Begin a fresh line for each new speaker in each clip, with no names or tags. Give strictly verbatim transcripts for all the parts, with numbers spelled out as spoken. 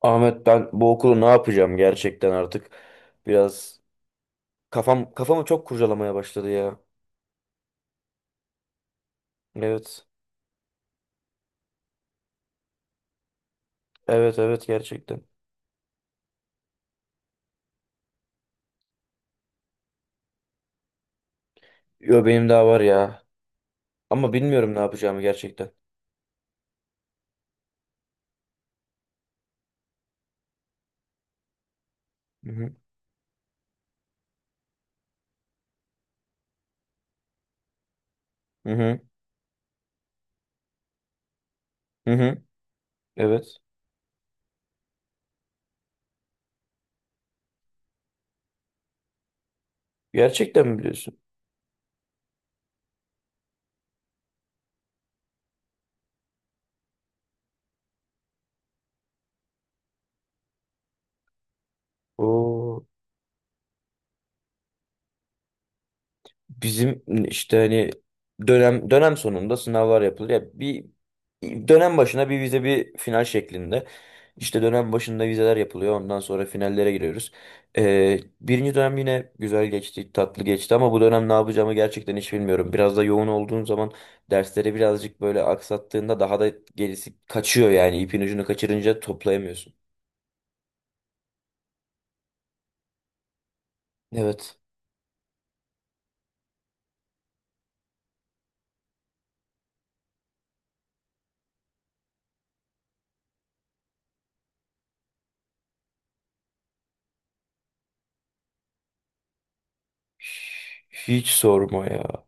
Ahmet, ben bu okulu ne yapacağım gerçekten artık biraz kafam kafamı çok kurcalamaya başladı ya. Evet. Evet, evet, gerçekten. Yo, benim daha var ya. Ama bilmiyorum ne yapacağımı gerçekten. Hı hı. Hı hı. Hı hı. Evet. Gerçekten mi biliyorsun? Oo. Bizim işte hani dönem dönem sonunda sınavlar yapılır. Ya bir dönem başına bir vize bir final şeklinde. İşte dönem başında vizeler yapılıyor. Ondan sonra finallere giriyoruz. Ee, birinci dönem yine güzel geçti, tatlı geçti ama bu dönem ne yapacağımı gerçekten hiç bilmiyorum. Biraz da yoğun olduğum zaman dersleri birazcık böyle aksattığında daha da gerisi kaçıyor yani ipin ucunu kaçırınca toplayamıyorsun. Evet. Hiç sorma ya.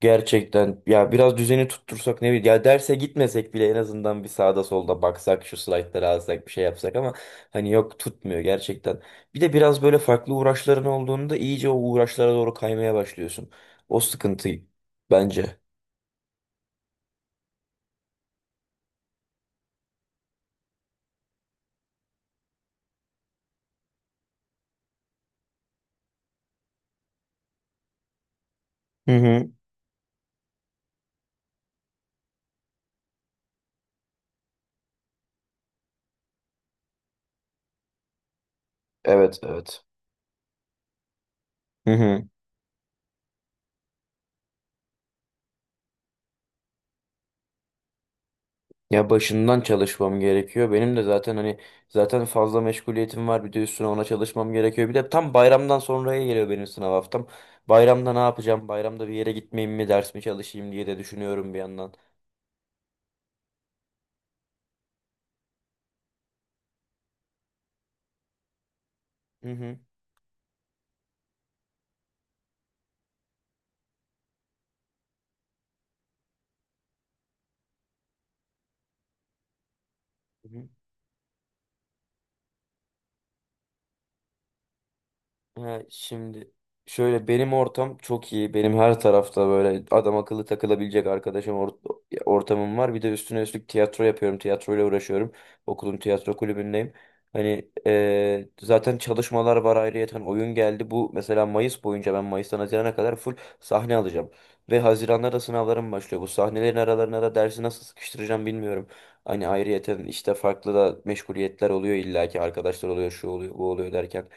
Gerçekten ya biraz düzeni tuttursak ne bileyim ya derse gitmesek bile en azından bir sağda solda baksak şu slaytları alsak bir şey yapsak ama hani yok tutmuyor gerçekten. Bir de biraz böyle farklı uğraşların olduğunda iyice o uğraşlara doğru kaymaya başlıyorsun. O sıkıntı bence. Hı hı. Evet, evet. Hı hı. Ya başından çalışmam gerekiyor. Benim de zaten hani zaten fazla meşguliyetim var. Bir de üstüne ona çalışmam gerekiyor. Bir de tam bayramdan sonraya geliyor benim sınav haftam. Bayramda ne yapacağım? Bayramda bir yere gitmeyeyim mi, ders mi çalışayım diye de düşünüyorum bir yandan. Hı hı. Hı hı. Ha, şimdi şöyle benim ortam çok iyi. Benim her tarafta böyle adam akıllı takılabilecek arkadaşım or- ortamım var. Bir de üstüne üstlük tiyatro yapıyorum. Tiyatroyla uğraşıyorum. Okulun tiyatro kulübündeyim. Hani eee, zaten çalışmalar var ayrıyeten. Hani oyun geldi. Bu mesela Mayıs boyunca ben Mayıs'tan Haziran'a kadar full sahne alacağım. Ve Haziran'da da sınavlarım başlıyor. Bu sahnelerin aralarına da dersi nasıl sıkıştıracağım bilmiyorum. Hani ayrıyeten işte farklı da meşguliyetler oluyor, illaki arkadaşlar oluyor, şu oluyor bu oluyor derken.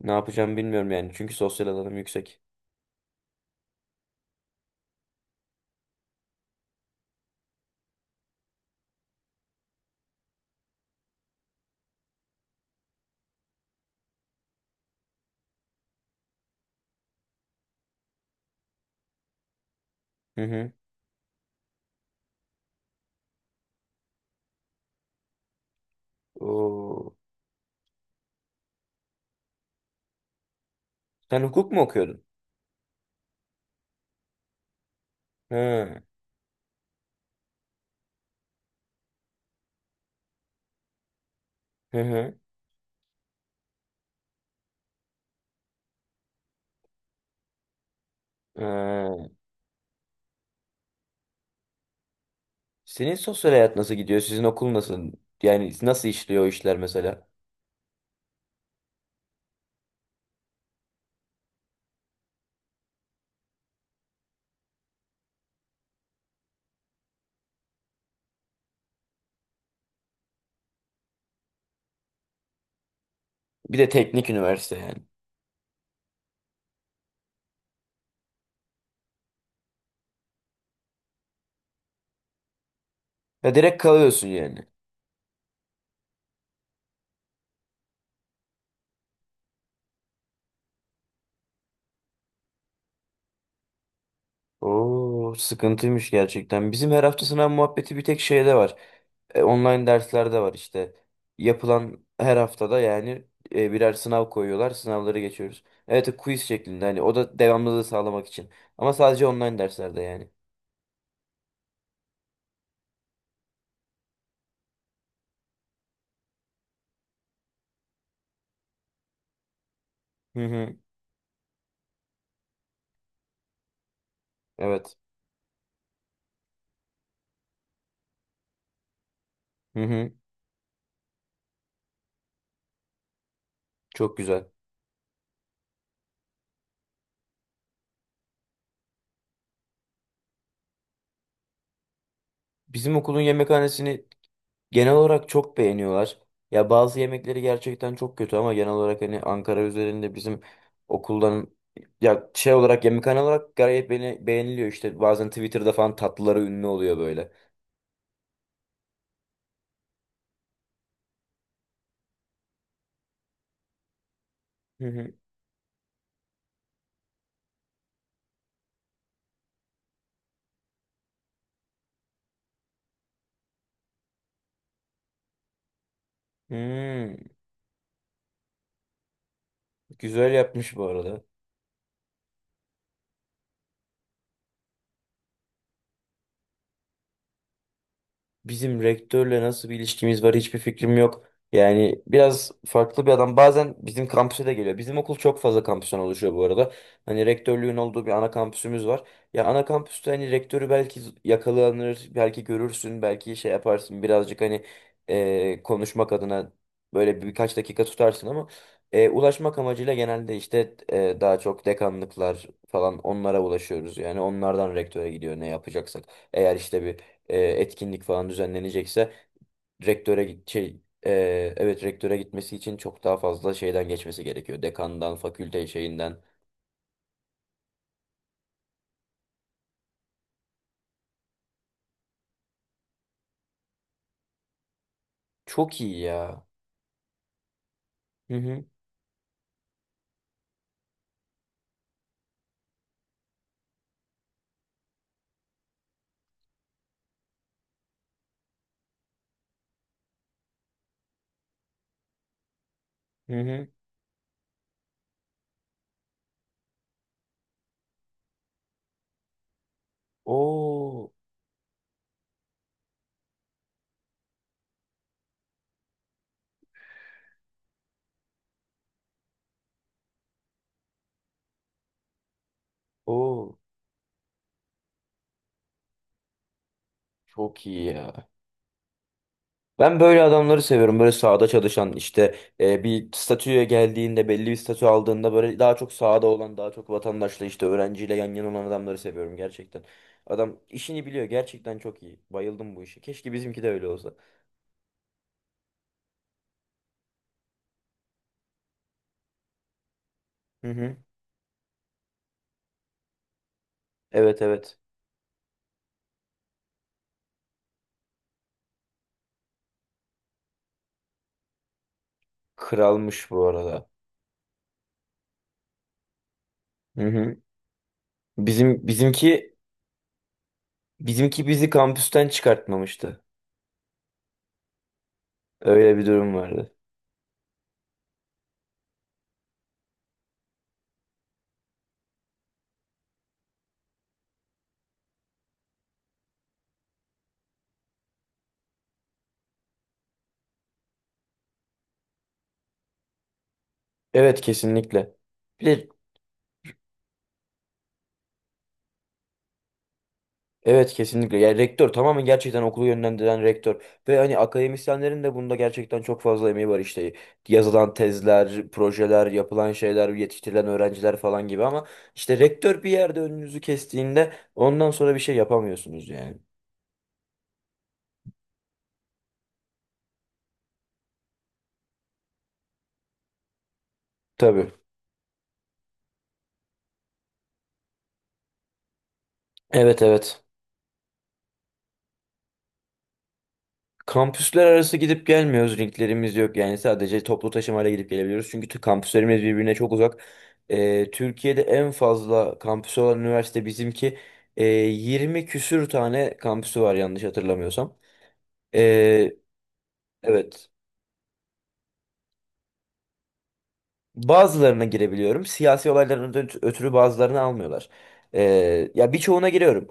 Ne yapacağımı bilmiyorum yani. Çünkü sosyal alanım yüksek. Hı hı. Oo. Sen hukuk mu okuyordun? Hı hı. Hı. Ha. Senin sosyal hayat nasıl gidiyor? Sizin okul nasıl? Yani nasıl işliyor o işler mesela? Bir de teknik üniversite yani. Ya direkt kalıyorsun yani. Oo, sıkıntıymış gerçekten. Bizim her hafta sınav muhabbeti bir tek şeyde var. E, online dersler de var işte. Yapılan her haftada yani e, birer sınav koyuyorlar. Sınavları geçiyoruz. Evet, e, quiz şeklinde, hani o da devamlılığı sağlamak için. Ama sadece online derslerde yani. Hı hı. Evet. Hı hı. Çok güzel. Bizim okulun yemekhanesini genel olarak çok beğeniyorlar. Ya bazı yemekleri gerçekten çok kötü ama genel olarak hani Ankara üzerinde bizim okuldan, ya şey olarak, yemekhane olarak gayet beğeni- beğeniliyor işte. Bazen Twitter'da falan tatlıları ünlü oluyor böyle. Hı hı. Hmm. Güzel yapmış bu arada. Bizim rektörle nasıl bir ilişkimiz var hiçbir fikrim yok. Yani biraz farklı bir adam. Bazen bizim kampüse de geliyor. Bizim okul çok fazla kampüsten oluşuyor bu arada. Hani rektörlüğün olduğu bir ana kampüsümüz var. Ya ana kampüste hani rektörü belki yakalanır, belki görürsün, belki şey yaparsın. Birazcık hani e, konuşmak adına böyle birkaç dakika tutarsın ama e, ulaşmak amacıyla genelde işte e, daha çok dekanlıklar falan, onlara ulaşıyoruz. Yani onlardan rektöre gidiyor ne yapacaksak. Eğer işte bir e, etkinlik falan düzenlenecekse, rektöre git- şey e, evet, rektöre gitmesi için çok daha fazla şeyden geçmesi gerekiyor. Dekandan, fakülte şeyinden. Çok iyi ya. Hı hı. Hı hı. Oo, oo, çok iyi ya. Ben böyle adamları seviyorum. Böyle sahada çalışan işte, e, bir statüye geldiğinde, belli bir statü aldığında böyle daha çok sahada olan, daha çok vatandaşla işte, öğrenciyle yan yana olan adamları seviyorum gerçekten. Adam işini biliyor. Gerçekten çok iyi. Bayıldım bu işe. Keşke bizimki de öyle olsa. Hı hı. Evet, evet. Kralmış bu arada. Hı hı. Bizim bizimki bizimki bizi kampüsten çıkartmamıştı. Öyle bir durum vardı. Evet, kesinlikle. Bir de evet, kesinlikle. Yani rektör tamamen gerçekten okulu yönlendiren rektör. Ve hani akademisyenlerin de bunda gerçekten çok fazla emeği var işte. Yazılan tezler, projeler, yapılan şeyler, yetiştirilen öğrenciler falan gibi ama işte rektör bir yerde önünüzü kestiğinde ondan sonra bir şey yapamıyorsunuz yani. Tabii. Evet, evet. Kampüsler arası gidip gelmiyoruz. Linklerimiz yok. Yani sadece toplu taşımayla gidip gelebiliyoruz. Çünkü t- kampüslerimiz birbirine çok uzak. Ee, Türkiye'de en fazla kampüsü olan üniversite bizimki. Ee, yirmi küsür tane kampüsü var yanlış hatırlamıyorsam. Ee, evet. Bazılarına girebiliyorum. Siyasi olaylardan ötürü bazılarını almıyorlar. Ee, ya birçoğuna giriyorum.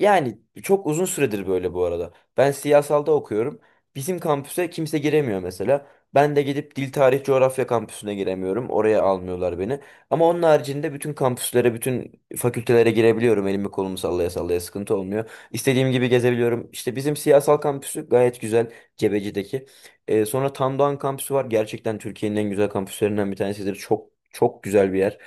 Yani çok uzun süredir böyle bu arada. Ben siyasalda okuyorum. Bizim kampüse kimse giremiyor mesela. Ben de gidip Dil Tarih Coğrafya kampüsüne giremiyorum. Oraya almıyorlar beni. Ama onun haricinde bütün kampüslere, bütün fakültelere girebiliyorum. Elimi kolumu sallaya sallaya, sıkıntı olmuyor. İstediğim gibi gezebiliyorum. İşte bizim siyasal kampüsü gayet güzel. Cebeci'deki. Ee, sonra Tandoğan kampüsü var. Gerçekten Türkiye'nin en güzel kampüslerinden bir tanesidir. Çok çok güzel bir yer.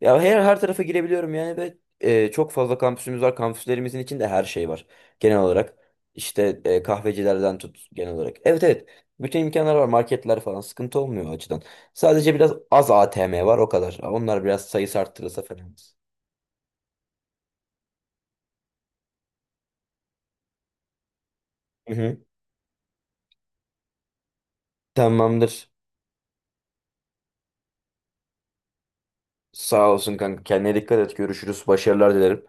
Ya her her tarafa girebiliyorum yani ve e, çok fazla kampüsümüz var. Kampüslerimizin içinde her şey var. Genel olarak işte e, kahvecilerden tut, genel olarak. Evet, evet. Bütün imkanlar var. Marketler falan sıkıntı olmuyor o açıdan. Sadece biraz az A T M var o kadar. Onlar biraz sayısı arttırılsa falan. Hı hı. Tamamdır. Sağ olsun kanka. Kendine dikkat et. Görüşürüz. Başarılar dilerim.